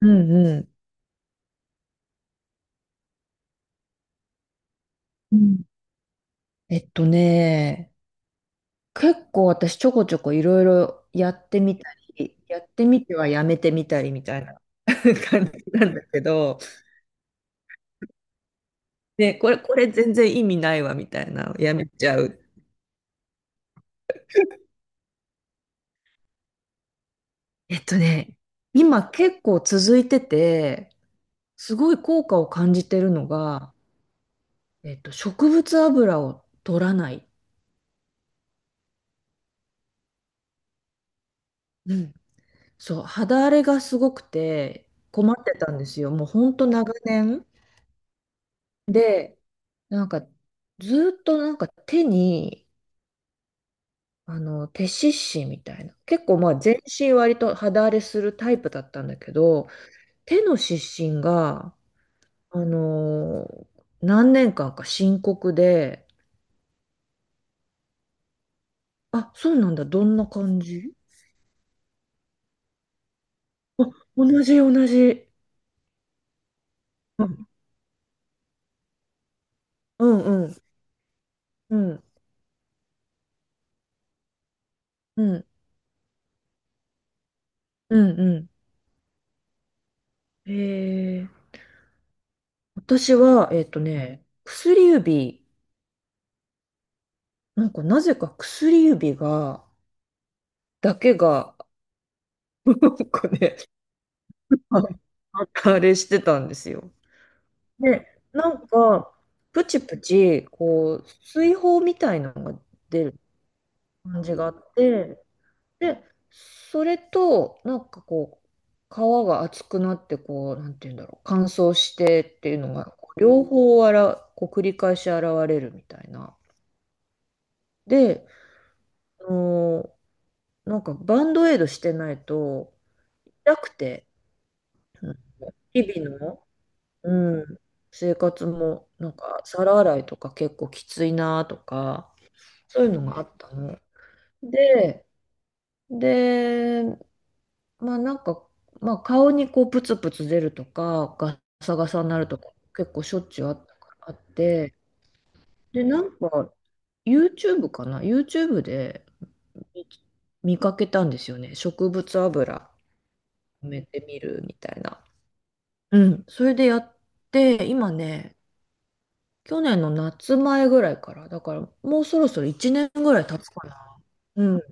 うんうん。うん。えっとね、結構私ちょこちょこいろいろやってみたり、やってみてはやめてみたりみたいな 感じなんだけど、ね、これ全然意味ないわみたいな、やめちゃう。えっとね、今結構続いてて、すごい効果を感じてるのが、植物油を取らない。うん。そう、肌荒れがすごくて困ってたんですよ。もうほんと長年。で、なんか、ずーっとなんか手に、手湿疹みたいな。結構まあ全身割と肌荒れするタイプだったんだけど、手の湿疹が、あのー何年間か深刻で、あ、そうなんだ、どんな感じ同じ同じ。うんうんうんうんうんうんうん。えー、私は、薬指、なんかなぜか薬指が、だけが、なんかね、はいあれしてたんですよ。で、なんか、プチプチ、こう、水泡みたいなのが出る感じがあって、で、それと、なんかこう、皮が厚くなって、こう、なんていうんだろう、乾燥してっていうのが、両方あら、こう繰り返し現れるみたいな。で、あのーなんかバンドエイドしてないと、痛くて、うん日々のうん、生活もなんか皿洗いとか結構きついなとかそういうのがあったの。で、で、まあなんか、まあ、顔にこうプツプツ出るとかガサガサになるとか結構しょっちゅうあったかあってでなんか YouTube かな YouTube で見見かけたんですよね植物油埋めてみるみたいな。うん、それでやって今ね去年の夏前ぐらいから、だからもうそろそろ1年ぐらい経つかな。うん。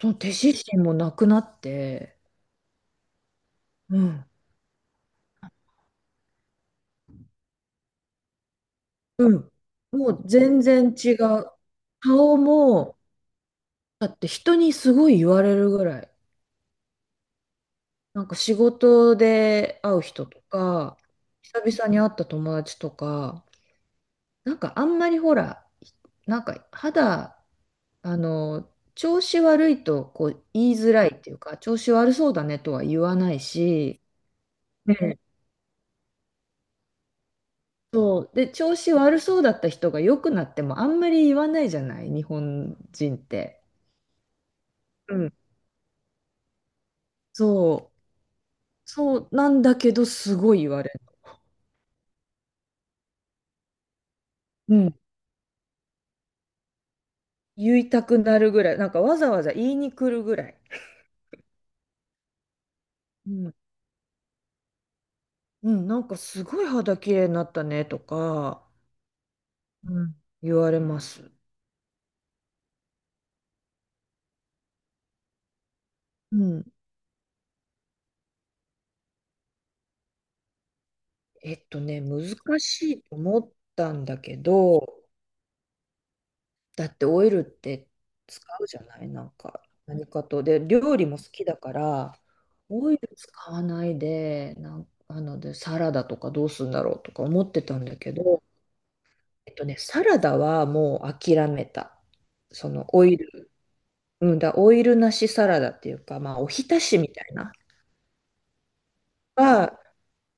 その手指針もなくなって、うん。うん。もう全然違う。顔も、だって人にすごい言われるぐらい。なんか仕事で会う人とか、久々に会った友達とか、なんかあんまりほら、なんか肌、調子悪いとこう言いづらいっていうか、調子悪そうだねとは言わないし、ねそう。で、調子悪そうだった人が良くなってもあんまり言わないじゃない、日本人って。うん。そう。そうなんだけど、すごい言われる。うん。言いたくなるぐらい。なんかわざわざ言いに来るぐらい。うん。うん、なんかすごい肌綺麗になったねとか、うん、言われます。うん。難しいと思ったんだけど、だってオイルって使うじゃない、なんか何かと。で、料理も好きだから、オイル使わないで、なんあので、サラダとかどうするんだろうとか思ってたんだけど、サラダはもう諦めた。そのオイル、うんだ、オイルなしサラダっていうか、まあ、おひたしみたいな、は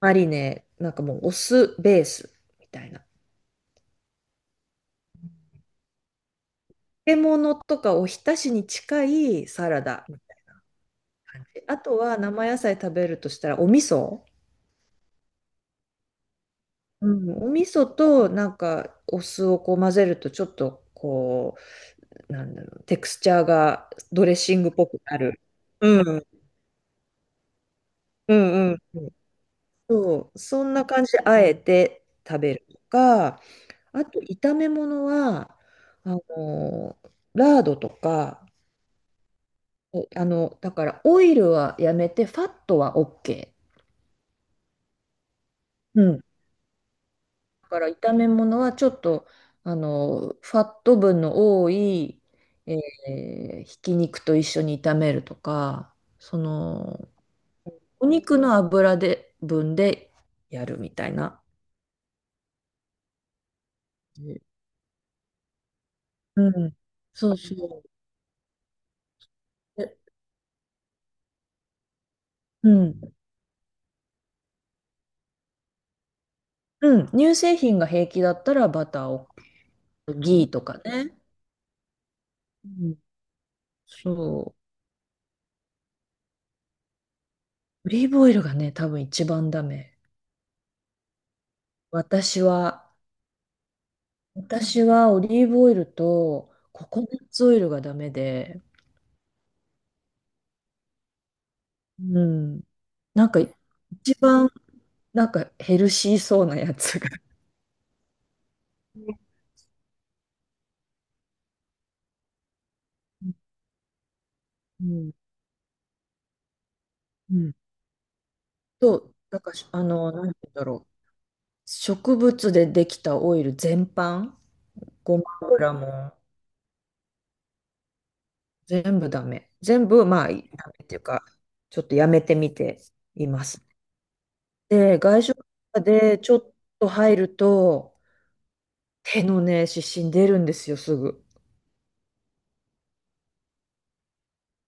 マリネ、なんかもうお酢ベースみたいな。漬物とかおひたしに近いサラダみたいな感じ。あとは生野菜食べるとしたらお味噌。うん、お味噌となんかお酢をこう混ぜるとちょっとこうなんだろうテクスチャーがドレッシングっぽくなる。うん、うんうんうん。そう、そんな感じであえて食べるとか、あと炒め物はあのラードとか、おだからオイルはやめてファットは OK。うんだから炒め物はちょっとファット分の多い、えひき肉と一緒に炒めるとかそのお肉の油で分でやるみたいな。ねうん、そうそう。でうん、うん、乳製品が平気だったらバターをギーとかね。うん、そう。オリーブオイルがね、多分一番ダメ。私は私はオリーブオイルとココナッツオイルがダメで、うん。なんか一番なんかヘルシーそうなやつが。うん。うん。と、なんかしなんて言うんだろう。植物でできたオイル全般、ごま油も全部ダメ。全部、まあ、ダメっていうか、ちょっとやめてみています。で、外食でちょっと入ると、手のね、湿疹出るんですよ、すぐ。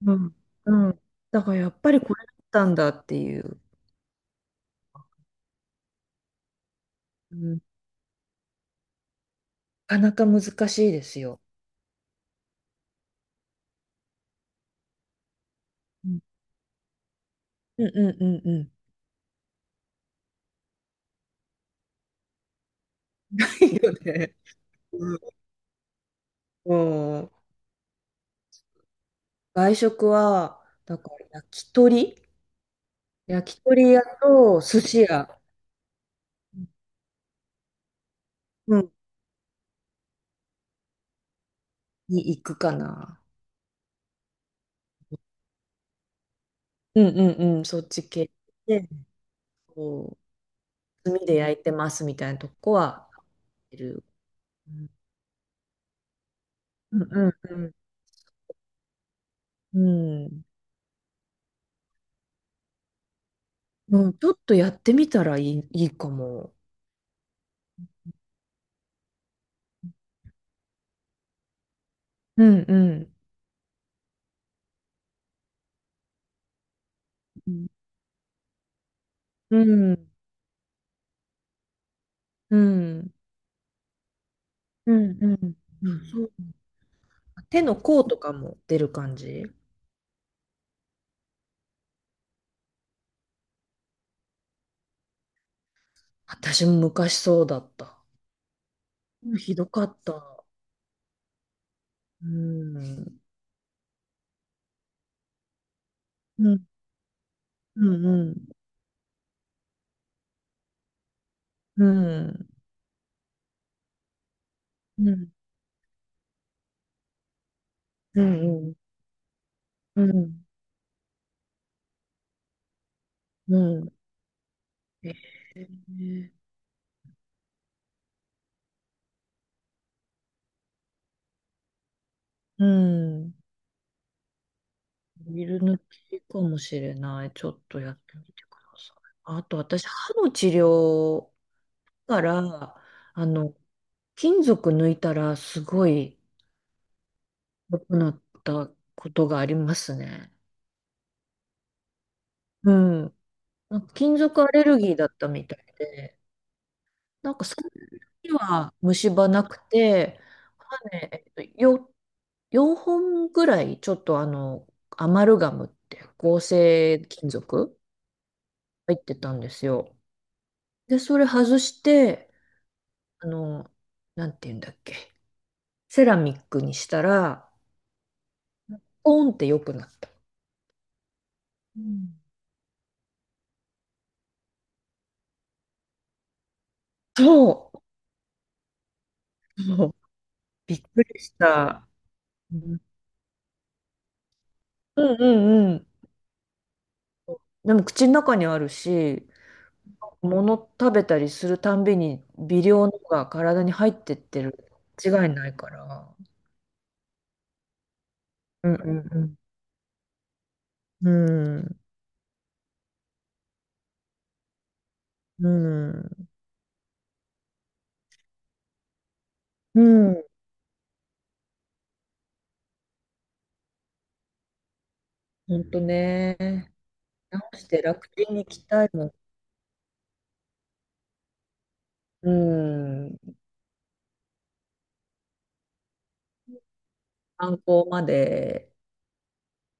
うん。うん。だからやっぱりこれだったんだっていう。うん。なかなか難しいですよ。うん。うんうんうんうん いよね。うん。うん外食は、だから焼き鳥屋と寿司屋、うん、に行くかな。うんうんうん、そっち系で、こう、炭で焼いてますみたいなとこは、いる。うんうんうん。うん。うん、ちょっとやってみたらいいかも。うんうんうんうんうんうんうんうんそう手の甲とかも出る感じ私も昔そうだった。うんひどかった。うん。うんうんうん。うんうんうんうんうん。えー、うん。ビル抜きかもしれない。ちょっとやってみてください。あと私、歯の治療から、あの、金属抜いたらすごい良くなったことがありますね。うん。なんか金属アレルギーだったみたいで、なんかその時は虫歯なくて、歯ね、4、本ぐらいちょっとアマルガムって合成金属入ってたんですよ。で、それ外して、あの、なんて言うんだっけ、セラミックにしたら、ポンって良くなった。うんそう、そう びっくりした。うんうんうんうん。でも口の中にあるし、物食べたりするたんびに微量のが体に入ってってる。違いないから。うんうんうん。うん。うん。うんほんとね。直して楽天に行きたいもん。うん。観光まで。